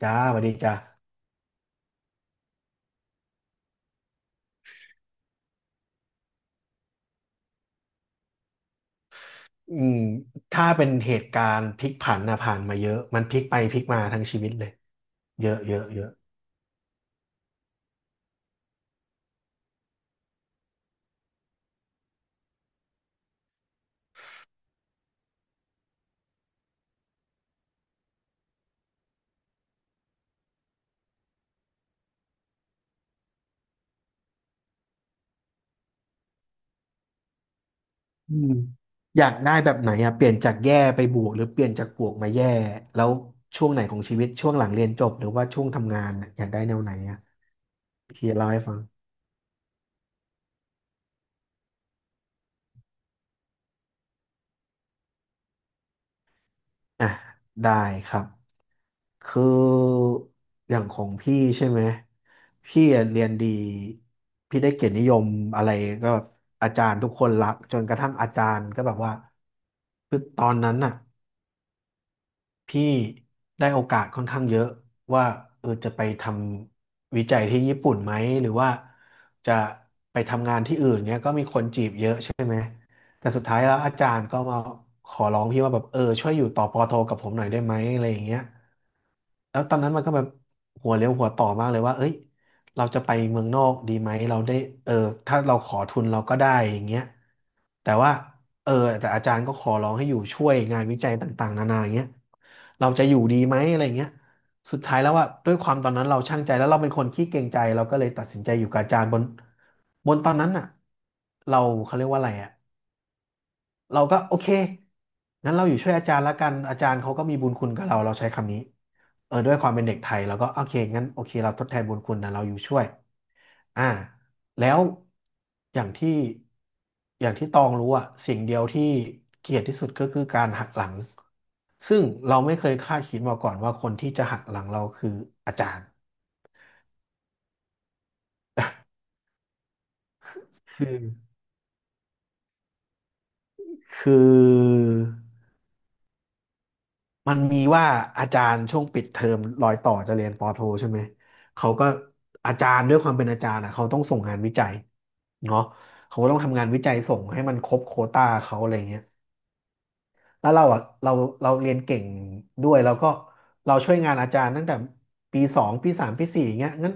จ้าสวัสดีจ้าอืมถ้าเป็นเหตุการณ์พลิกผันนะผ่านมาเยอะมันพลิกไปพลิกมาทั้งชีวิตเลยเยอะเยอะเยอะอืมอยากได้แบบไหนอะเปลี่ยนจากแย่ไปบวกหรือเปลี่ยนจากบวกมาแย่แล้วช่วงไหนของชีวิตช่วงหลังเรียนจบหรือว่าช่วงทำงานน่ะอยากได้แนวไหนอะพี่เล่าให้ฟัง อ่ะได้ครับคืออย่างของพี่ใช่ไหมพี่อะเรียนดีพี่ได้เกียรตินิยมอะไรก็แบบอาจารย์ทุกคนรักจนกระทั่งอาจารย์ก็แบบว่าคือตอนนั้นน่ะพี่ได้โอกาสค่อนข้างเยอะว่าเออจะไปทำวิจัยที่ญี่ปุ่นไหมหรือว่าจะไป แต่สุดท้ายแล้วอาจารย์ก็มาขอร้องพี่ว่าแบบเออช่วยอยู่ต่อปอโทกับผมหน่อยได้ไหมอะไรอย่างเงี้ยแล้วตอนนั้นมันก็แบบหัวเลี้ยวหัวต่อมากเลยว่าเอ้ยเราจะไปเมืองนอกดีไหมเราได้เออถ้าเราขอทุนเราก็ได้อย่างเงี้ยแต่ว่าเออแต่อาจารย์ก็ขอร้องให้อยู่ช่วยงานวิจัยต่างๆนานาอย่างเงี้ยเราจะอยู่ดีไหมอะไรอย่างเงี้ยสุดท้ายแล้วว่าด้วยความตอนนั้นเราช่างใจแล้วเราเป็นคนขี้เกรงใจเราก็เลยตัดสินใจอยู่กับอาจารย์บนตอนนั้นน่ะเราเขาเรียกว่าอะไรอ่ะ เราก็โอเคงั้นเราอยู่ช่วยอาจารย์ละกันอาจารย์เขาก็มีบุญคุณกับเราเราใช้คำนี้เออด้วยความเป็นเด็กไทยเราก็โอเคงั้นโอเคเราทดแทนบุญคุณนะเราอยู่ช่วยอ่าแล้วอย่างที่อย่างที่ตองรู้อะสิ่งเดียวที่เกลียดที่สุดก็คือการหักหลัง ซึ่งเราไม่เคยคาดคิดมาก่อนว่าคนที่จะหักหลังเราคืออาจารย์ คือคือ มันมีว่าอาจารย์ช่วงปิดเทอมรอยต่อจะเรียนปอโทใช่ไหม เขาก็อาจารย์ด้วยความเป็นอาจารย์อ่ะเขาต้องส่งงานวิจัยเนาะเขาก็ต้องทำงานวิจัยส่งให้มันครบโควต้าเขาอะไรเงี้ย แล้วเราอ่ะเราเรียนเก่งด้วยแล้วก็เราช่วยงานอาจารย์ตั้งแต่ปีสองปีสามปีสี่อย่างเงี้ยงั้น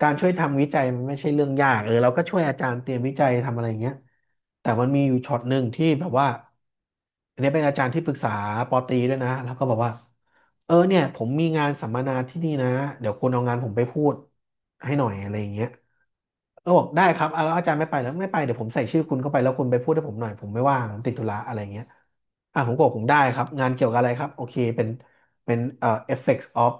การช่วยทำวิจัยมันไม่ใช่เรื่องยากเออเราก็ช่วยอาจารย์เตรียมวิจัยทำอะไรอย่างเงี้ยแต่มันมีอยู่ช็อตหนึ่งที่แบบว่าอันนี้เป็นอาจารย์ที่ปรึกษาปอตรีด้วยนะแล้วก็บอกว่าเออเนี่ยผมมีงานสัมมนาที่นี่นะเดี๋ยวคุณเอางานผมไปพูดให้หน่อยอะไรอย่างเงี้ย เออบอกได้ครับอ่ะแล้วอาจารย์ไม่ไปแล้วไม่ไปเดี๋ยวผมใส่ชื่อคุณเข้าไปแล้วคุณไปพูดให้ผมหน่อยผมไม่ว่างผมติดธุระอะไรเงี้ยอ่ะผมก็บอกผมได้ครับงานเกี่ยวกับอะไรครับโอเคเป็นเป็น effects of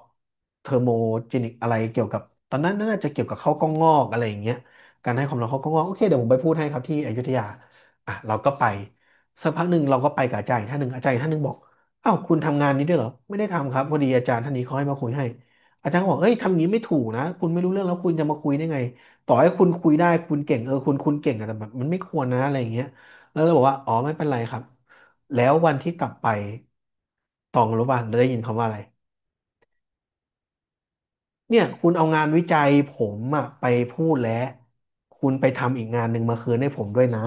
thermogenic อะไรเกี่ยวกับตอนนั้นน่าจะเกี่ยวกับข้าวกล้องงอกอะไรอย่างเงี้ยการให้ความร้อนข้าวกล้องงอกโอเคเดี๋ยวผมไปพูดให้ครับที่อยุธยาอ่ะเราก็ไปสักพักหนึ่งเราก็ไปกับอาจารย์อีกท่านหนึ่งอาจารย์อีกท่านหนึ่งบอกอ้าวคุณทำงานนี้ด้วยเหรอไม่ได้ทำครับพอดีอาจารย์ท่านนี้เขาให้มาคุยให้อาจารย์ก็บอกเอ้ยทำอย่างนี้ไม่ถูกนะคุณไม่รู้เรื่องแล้วคุณจะมาคุยได้ไง ต่อให้คุณคุยได้คุณเก่งเออคุณเก่งอะแต่แบบมันไม่ควรนะอะไรอย่างเงี้ยแล้วเราบอกว่าอ๋อไม่เป็นไรครับแล้ววันที่กลับไปตองรู้ป่ะเราได้ยินคำว่าอะไรเนี่ยคุณเอางานวิจัยผมอะไปพูดแล้วคุณไปทำอีกงานหนึ่งมาคืนให้ผมด้วยนะ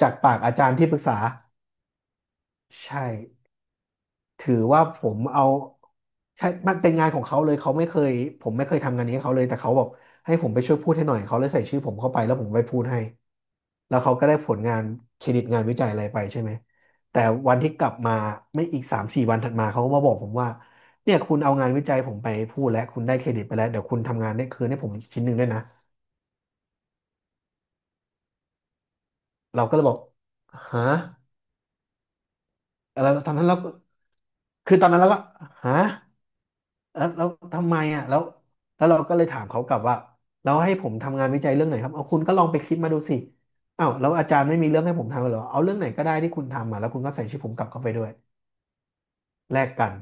จากปากอาจารย์ที่ปรึกษาใช่ ถือว่าผมเอาใช่มันเป็นงานของเขาเลยเขาไม่เคยผมไม่เคยทำงานนี้ให้เขาเลยแต่เขาบอกให้ผมไปช่วยพูดให้หน่อยเขาเลยใส่ชื่อผมเข้าไปแล้วผมไปพูดให้แล้วเขาก็ได้ผลงานเครดิตงานวิจัยอะไรไปใช่ไหมแต่วันที่กลับมาไม่อีกสามสี่วันถัดมาเขาก็มาบอกผมว่าเนี่ยคุณเอางานวิจัยผมไปพูดแล้วคุณได้เครดิตไปแล้วเดี๋ยวคุณทำงานได้คืนให้ผมชิ้นหนึ่งด้วยนะเราก็เลยบอกฮะแล้วตอนนั้นเราก็คือตอนนั้นเราก็ฮะ แล้วทำไมอ่ะแล้วเราก็เลยถามเขากลับว่าเราให้ผมทำงานวิจัยเรื่องไหนครับเอาคุณก็ลองไปคิดมาดูสิอ้าวแล้วอาจารย์ไม่มีเรื่องให้ผมทำเหรอเอาเรื่องไหนก็ได้ที่คุณทำมาแล้วคุณก็ใส่ชื่อผมกลับเข้าไปด้วยแลกกัน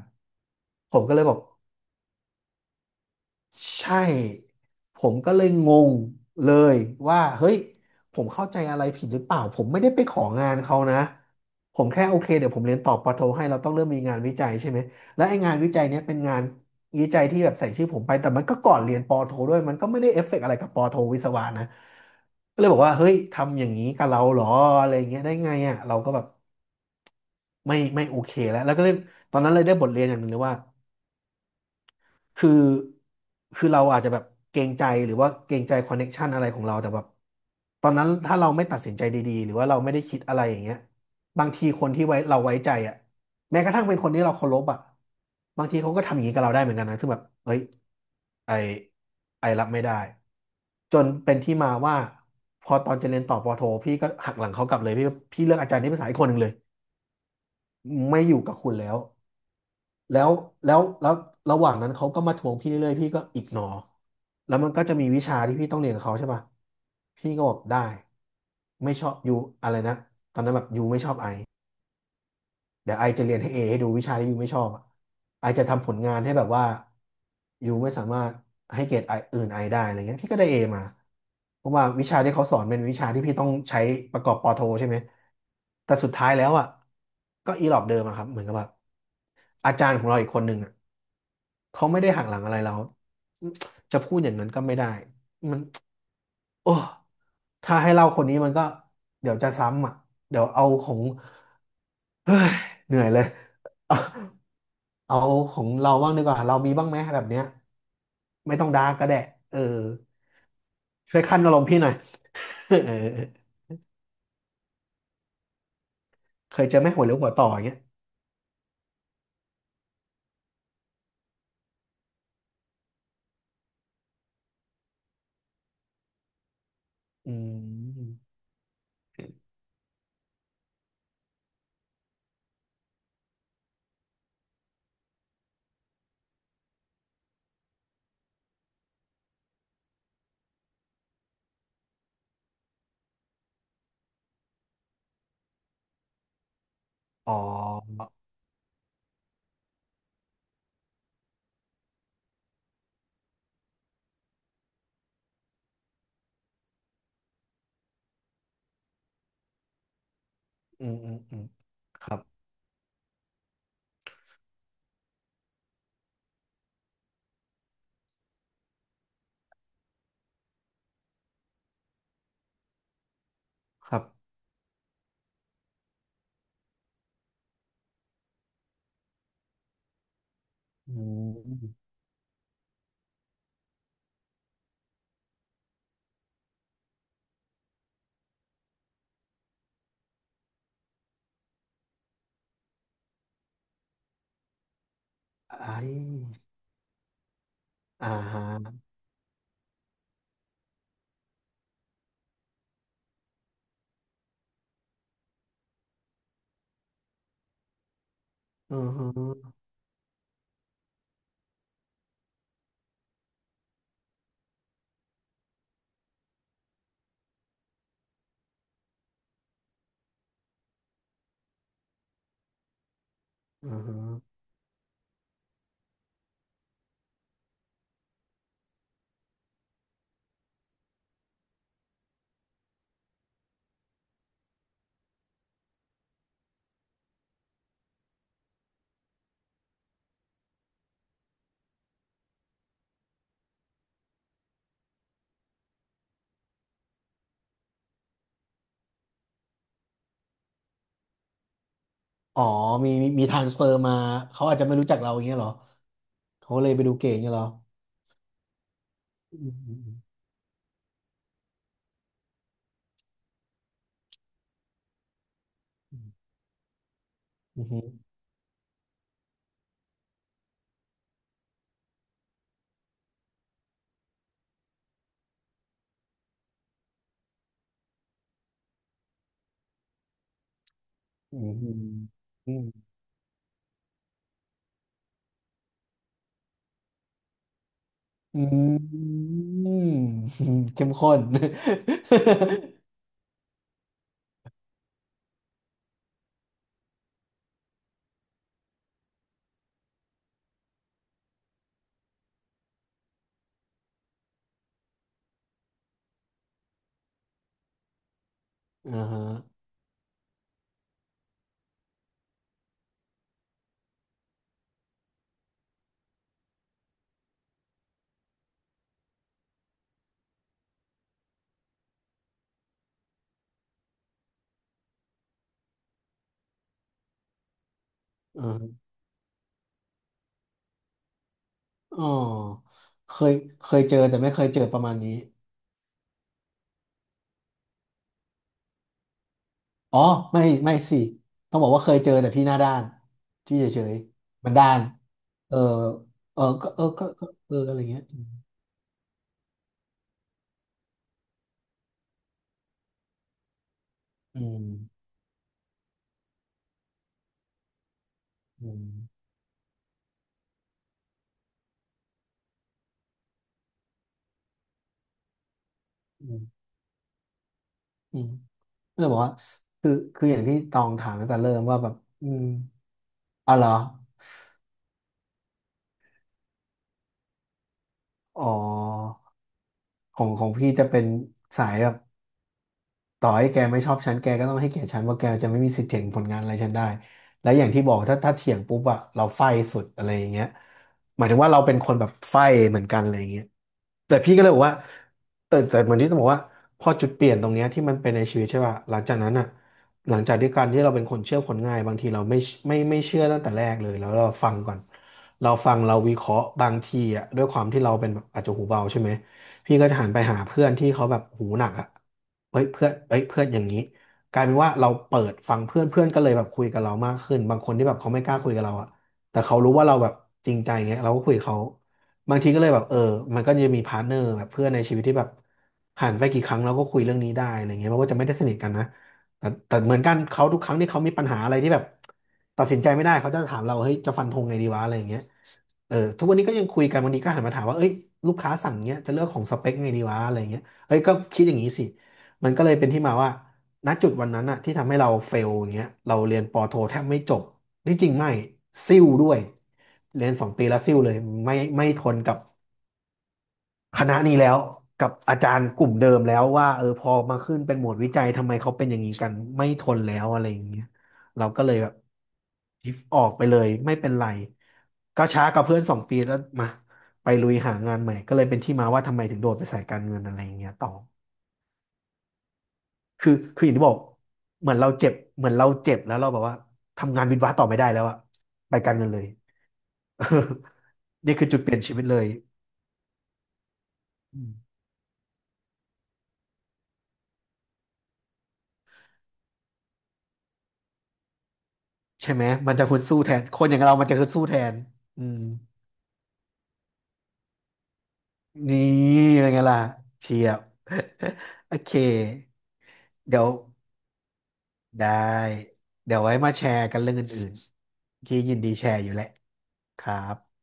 ผมก็เลยบอก ใช่ผมก็เลยงงเลยว่าเฮ้ยผมเข้าใจอะไรผิดหรือเปล่าผมไม่ได้ไปของานเขานะผมแค่โอเคเดี๋ยวผมเรียนต่อปอโทให้เราต้องเริ่มมีงานวิจัยใช่ไหมและไอ้งานวิจัยเนี้ยเป็นงานวิจัยที่แบบใส่ชื่อผมไปแต่มันก็ก่อนเรียนปอโทด้วยมันก็ไม่ได้เอฟเฟกต์อะไรกับปอโทวิศวะนะก็เลยบอกว่าเฮ้ยทำอย่างนี้กับเราเหรออะไรเงี้ยได้ไงอ่ะเราก็แบบไม่โอเคแล้วก็เลยตอนนั้นเลยได้บทเรียนอย่างหนึ่งเลยว่า คือคือเราอาจจะแบบเกรงใจหรือว่าเกรงใจคอนเน็กชันอะไรของเราแต่แบบตอนนั้นถ้าเราไม่ตัดสินใจดีๆหรือว่าเราไม่ได้คิดอะไรอย่างเงี้ยบางทีคนที่เราไว้ใจอ่ะแม้กระทั่งเป็นคนที่เราเคารพอ่ะบางทีเขาก็ทำอย่างนี้กับเราได้เหมือนกันนะซึ่งแบบเฮ้ยไอไอรับไม่ได้จนเป็นที่มาว่าพอตอนจะเรียนต่อปอโทพี่ก็หักหลังเขากลับเลยพี่เลือกอาจารย์ที่ภาษาอีกคนหนึ่งเลยไม่อยู่กับคุณแล้ว แล้วแล้วระหว่างนั้นเขาก็มาทวงพี่เรื่อยๆพี่ก็อิกนอแล้วมันก็จะมีวิชาที่พี่ต้องเรียนกับเขาใช่ป่ะพี่ก็บอกได้ไม่ชอบยูอะไรนะตอนนั้นแบบยูไม่ชอบไอเดี๋ยวไอจะเรียนให้เอให้ดูวิชาที่ยูไม่ชอบอะไอจะทำผลงานให้แบบว่ายูไม่สามารถให้เกรดไออื่นไอได้อะไรเงี้ยพี่ก็ได้เอมาเพราะว่าวิชาที่เขาสอนเป็นวิชาที่พี่ต้องใช้ประกอบปอโทใช่ไหมแต่สุดท้ายแล้วอ่ะก็อีหลอบเดิมอะครับเหมือนกับแบบอาจารย์ของเราอีกคนหนึ่งอะ เขาไม่ได้หักหลังอะไรเราจะพูดอย่างนั้นก็ไม่ได้โอ้ถ้าให้เล่าคนนี้มันก็เดี๋ยวจะซ้ำอ่ะเดี๋ยวเอาของเฮ้ยเหนื่อยเลย เอาของเราบ้างดีกว่า เรามีบ้างไหมแบบเนี้ย ไม่ต้องดาร์กก็ได้เออช่วยคั่นอารมณ์พี่หน่อย เออเคยเจอไหมหัวเลี้ยวหัวต่ออย่างเงี้ยอืมอ๋ออืมอืมอืมครับครับอืมไออ่าฮะอือฮึอือฮึ อ๋อมีทรานสเฟอร์มาเขาอาจจะไม่รู้จักเราอย่างเงี้ยเหรอเขาเลยไปดูเก่งอย่างเงี้ยเหรออืมอืมอืมอืมอืมอืมอืม เข้มข้น อ่าฮะอ่าฮะอ๋อเคยเคยเจอแต่ไม่เคยเจอประมาณนี้อ๋อไม่ไม่สิต้องบอกว่าเคยเจอแต่พี่หน้าด้านที่เฉยๆมันด้านเออเออก็อะไรเงี้ยอืมอืมอืมอืม ก็เลยบอกว่าคืออย่างที่ตองถามตั้งแต่เริ่มว่าแบบอืมอ๋อเหรออ๋อของพี่จะเป็นสายแบบต่อให้แกไม่ชอบฉันแกก็ต้องให้เกียรติฉันว่าแกจะไม่มีสิทธิ์เถียงผลงานอะไรฉันได้และอย่างที่บอกถ้าเถียงปุ๊บอะเราไฟสุดอะไรอย่างเงี้ยหมายถึงว่าเราเป็นคนแบบไฟเหมือนกันอะไรอย่างเงี้ยแต่พี่ก็เลยบอกว่าแต่เหมือนที่ต้องบอกว่าพอจุดเปลี่ยนตรงเนี้ยที่มันเป็นในชีวิตใช่ป่ะหลังจากนั้นอะ หลังจากที่การที่เราเป็นคนเชื่อคนง่ายบางทีเราไม่เชื่อตั้งแต่แรกเลยแล้วเราฟังก่อนเราฟังเราวิเคราะห์บางทีอ่ะด้วยความที่เราเป็นแบบอาจจะหูเบาใช่ไหมพี่ก็จะหันไปหาเพื่อนที่เขาแบบหูหนักอ่ะเฮ้ยเพื่อนอย่างนี้กลายเป็นว่าเราเปิดฟังเพื่อนเพื่อนก็เลยแบบคุยกับเรามากขึ้นบางคนที่แบบเขาไม่กล้าคุยกับเราอ่ะแต่เขารู้ว่าเราแบบจริงใจเงี้ยเราก็คุยกับเขาบางทีก็เลยแบบเออมันก็จะมีพาร์ทเนอร์แบบเพื่อนในชีวิตที่แบบหันไปกี่ครั้งเราก็คุยเรื่องนี้ได้อะไรเงี้ยมันก็จะไม่ได้สนิทกันนะ แต่เหมือนกันเขาทุกครั้งที่เขามีปัญหาอะไรที่แบบตัดสินใจไม่ได้เขาจะถามเราเฮ้ยจะฟันธงไงดีวะอะไรอย่างเงี้ยเออทุกวันนี้ก็ยังคุยกันวันนี้ก็หันมาถามว่าเอ้ยลูกค้าสั่งเงี้ยจะเลือกของสเปคไงดีวะอะไรอย่างเงี้ยเอ้ยก็คิดอย่างนี้สิมันก็เลยเป็นที่มาว่าณจุดวันนั้นอะที่ทำให้เราเฟลอย่างเงี้ยเราเรียนปอโทแทบไม่จบที่จริงไม่ซิ่วด้วยเรียนสองปีแล้วซิ่วเลยไม่ทนกับ คณะนี้แล้วกับอาจารย์กลุ่มเดิมแล้วว่าเออพอมาขึ้นเป็นหมวดวิจัยทำไมเขาเป็นอย่างนี้กันไม่ทนแล้วอะไรอย่างเงี้ยเราก็เลยแบบทิฟออกไปเลยไม่เป็นไรก็ช้ากับเพื่อนสองปีแล้วมาไปลุยหางานใหม่ก็เลยเป็นที่มาว่าทำไมถึงโดดไปสายการเงินอะไรอย่างเงี้ยต่อคืออย่างที่บอกเหมือนเราเจ็บเหมือนเราเจ็บแล้วเราแบบว่าทำงานวิศวะต่อไม่ได้แล้วอะไปการเงินเลย นี่คือจุดเปลี่ยนชีวิตเลย ใช่ไหมมันจะฮึดสู้แทนคนอย่างเรามันจะฮึดสู้แทนอืมนี่เป็นไงล่ะเชียบ โอเคเดี๋ยวได้เดี๋ยวไว้มาแชร์กันเรื่องอื่นๆที้ยินดีแชร์อยู่แหละครับ